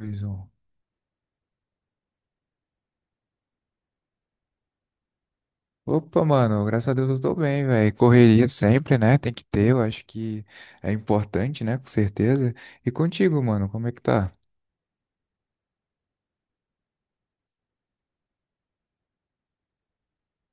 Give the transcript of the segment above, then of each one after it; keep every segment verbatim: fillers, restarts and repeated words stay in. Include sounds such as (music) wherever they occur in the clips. Dois, um. Opa, mano, graças a Deus eu tô bem, velho. Correria sempre, né? Tem que ter, eu acho que é importante, né? Com certeza. E contigo, mano, como é que tá?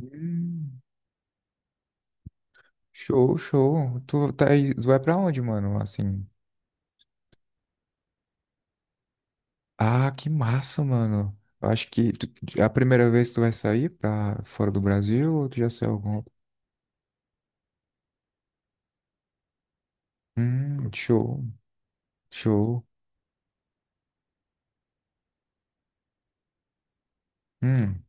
Hum, show, show. Tu tá aí, tu vai pra onde, mano? Assim. Ah, que massa, mano. Eu acho que tu- É a primeira vez que tu vai sair pra fora do Brasil ou tu já saiu algum? Hum, show, show. Hum.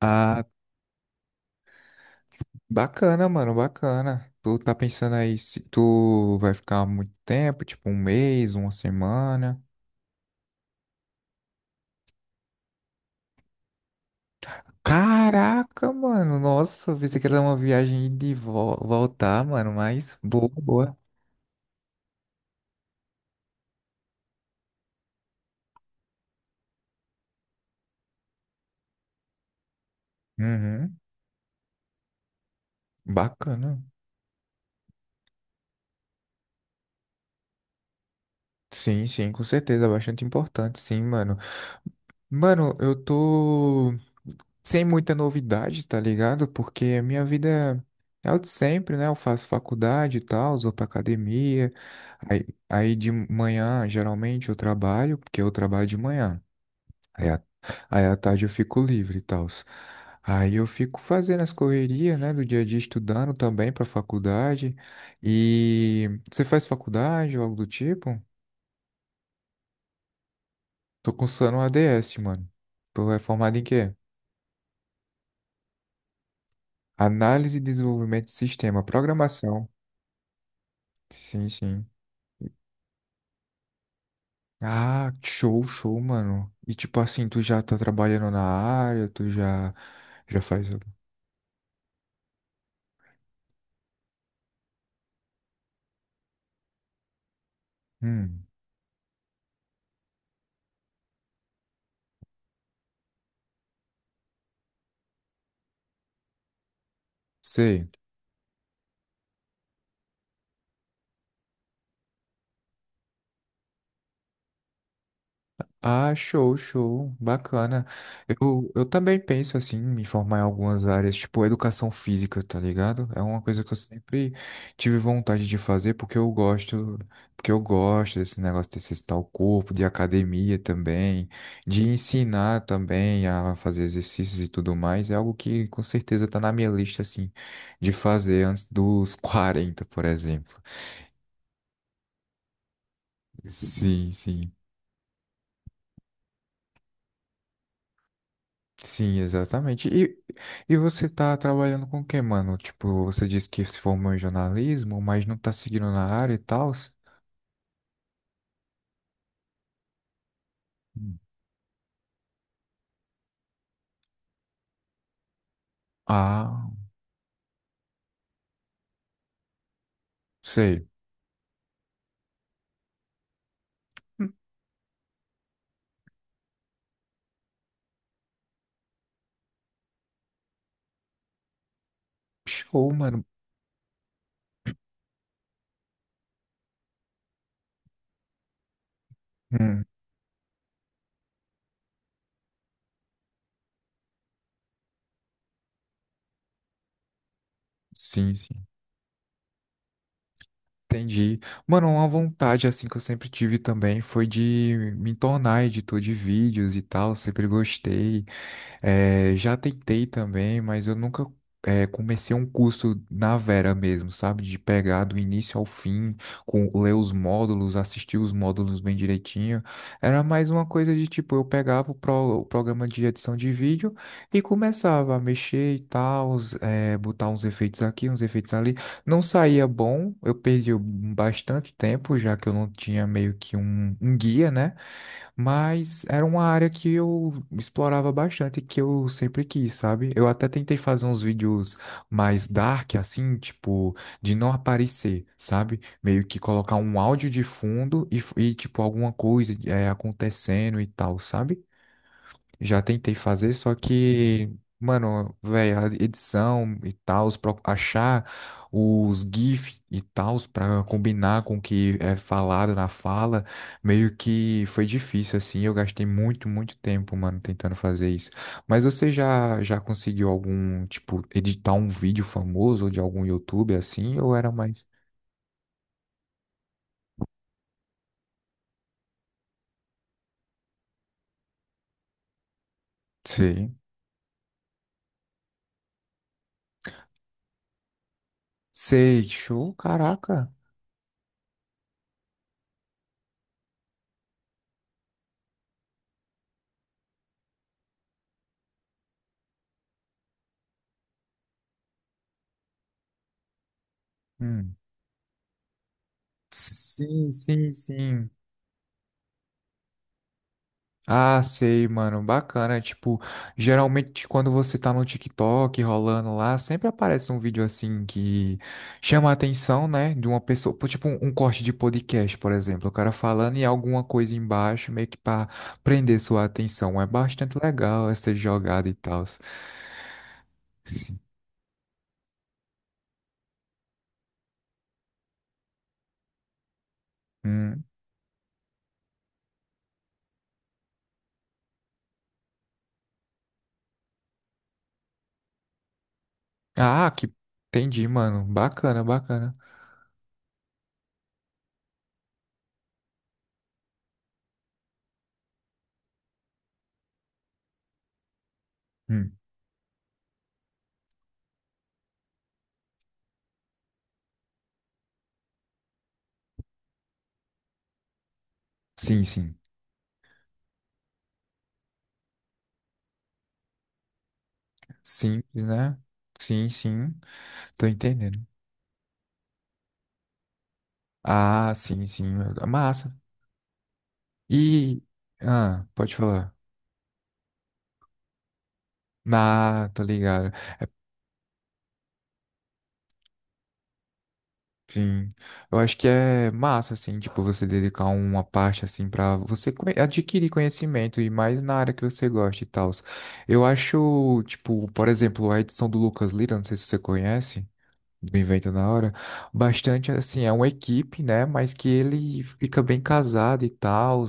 Ah, bacana, mano, bacana. Tu tá pensando aí se tu vai ficar muito tempo, tipo um mês, uma semana. Caraca, mano, nossa, eu pensei que era uma viagem ida e vol- voltar, mano, mas boa, boa. Uhum, bacana. Sim, sim, com certeza, bastante importante, sim, mano. Mano, eu tô sem muita novidade, tá ligado? Porque a minha vida é o de sempre, né? Eu faço faculdade e tal, vou pra academia. Aí, aí de manhã, geralmente, eu trabalho, porque eu trabalho de manhã. Aí, à- Aí à tarde eu fico livre e tal. Aí eu fico fazendo as correrias, né, do dia a dia, estudando também pra faculdade. E você faz faculdade ou algo do tipo? Tô cursando A D S, mano. Tu é formado em quê? Análise e desenvolvimento de sistema, programação. Sim, sim. Ah, show, show, mano. E tipo assim, tu já tá trabalhando na área, tu já já faz. Hum. Sei. Ah, show, show. Bacana. Eu, eu também penso assim, em me formar em algumas áreas, tipo educação física, tá ligado? É uma coisa que eu sempre tive vontade de fazer porque eu gosto, porque eu gosto desse negócio de exercitar o corpo, de academia também, de ensinar também a fazer exercícios e tudo mais. É algo que com certeza tá na minha lista assim de fazer antes dos (laughs) quarenta, por exemplo. Sim, sim. Sim, exatamente. E, e você tá trabalhando com o que, mano? Tipo, você disse que se formou em jornalismo, mas não tá seguindo na área e tal? Ah, sei. Hum, Show, mano. Hum, sim, sim. Entendi. Mano, uma vontade assim que eu sempre tive também foi de me tornar editor de vídeos e tal. Sempre gostei. É, já tentei também, mas eu nunca é, comecei um curso na vera mesmo, sabe? De pegar do início ao fim, com ler os módulos, assistir os módulos bem direitinho. Era mais uma coisa de tipo, eu pegava o, pro- o programa de edição de vídeo e começava a mexer e tal, é, botar uns efeitos aqui, uns efeitos ali. Não saía bom, eu perdi bastante tempo, já que eu não tinha meio que um um guia, né? Mas era uma área que eu explorava bastante, que eu sempre quis, sabe? Eu até tentei fazer uns vídeos mais dark, assim, tipo, de não aparecer, sabe? Meio que colocar um áudio de fundo e, f- e, tipo, alguma coisa é, acontecendo e tal, sabe? Já tentei fazer, só que, mano, velho, a edição e tal, achar os GIF e tal pra combinar com o que é falado na fala, meio que foi difícil, assim. Eu gastei muito, muito tempo, mano, tentando fazer isso. Mas você já, já conseguiu algum, tipo, editar um vídeo famoso ou de algum YouTube assim? Ou era mais. Sei. Sei, show, caraca. Hum. Sim, sim, sim. Ah, sei, mano, bacana. Tipo, geralmente quando você tá no TikTok rolando lá, sempre aparece um vídeo assim que chama a atenção, né, de uma pessoa, pô, tipo um, um corte de podcast, por exemplo, o cara falando e alguma coisa embaixo, meio que pra prender sua atenção. É bastante legal essa jogada e tal. Sim. Hum. Ah, que Entendi, mano. Bacana, bacana. Hum. Sim, sim. Simples, né? Sim, sim. Tô entendendo. Ah, sim, sim. Massa. E. Ah, pode falar. Ah, tô ligado. Sim. Eu acho que é massa, assim, tipo, você dedicar uma parte, assim, pra você conhe- adquirir conhecimento e mais na área que você gosta e tal. Eu acho, tipo, por exemplo, a edição do Lucas Lira, não sei se você conhece. Do evento na hora. Bastante, assim, é uma equipe, né? Mas que ele fica bem casado e tal,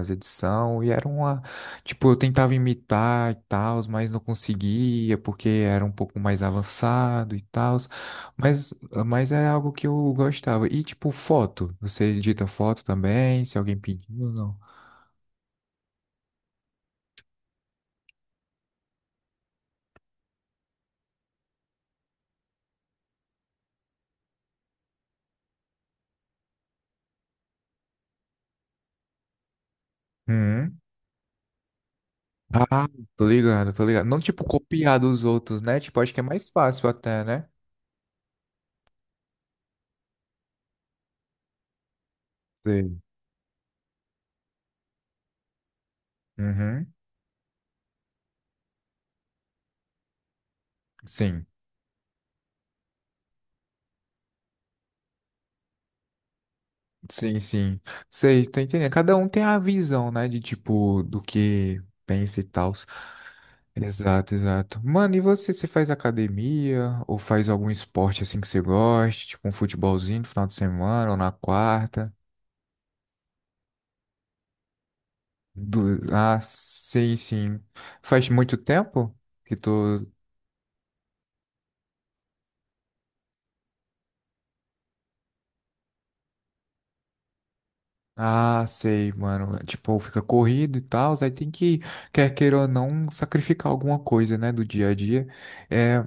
as edição E era uma. Tipo, eu tentava imitar e tal, mas não conseguia, porque era um pouco mais avançado e tal. Mas, mas é algo que eu gostava. E, tipo, foto. Você edita foto também, se alguém pediu ou não. Hum. Ah, tô ligado, tô ligado. Não, tipo, copiar dos outros, né? Tipo, acho que é mais fácil até, né? Sei. Uhum. Sim. Sim, sim. Sei, tô entendendo. Cada um tem a visão, né? De tipo, do que pensa e tal. Exato, exato. Mano, e você? Você faz academia? Ou faz algum esporte assim que você goste? Tipo um futebolzinho no final de semana ou na quarta? Do... Ah, sei, sim. Faz muito tempo que tô. Ah, sei, mano. Tipo, fica corrido e tal. Aí tem que, quer queira ou não, sacrificar alguma coisa, né? Do dia a dia. É,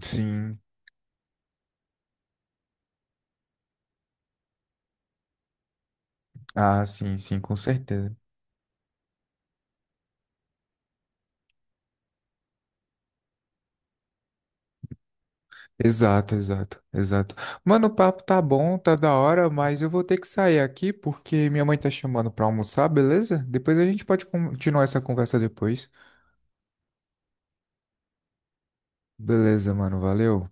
sim. Ah, sim, sim, com certeza. Exato, exato, exato. Mano, o papo tá bom, tá da hora, mas eu vou ter que sair aqui porque minha mãe tá chamando pra almoçar, beleza? Depois a gente pode continuar essa conversa depois. Beleza, mano, valeu.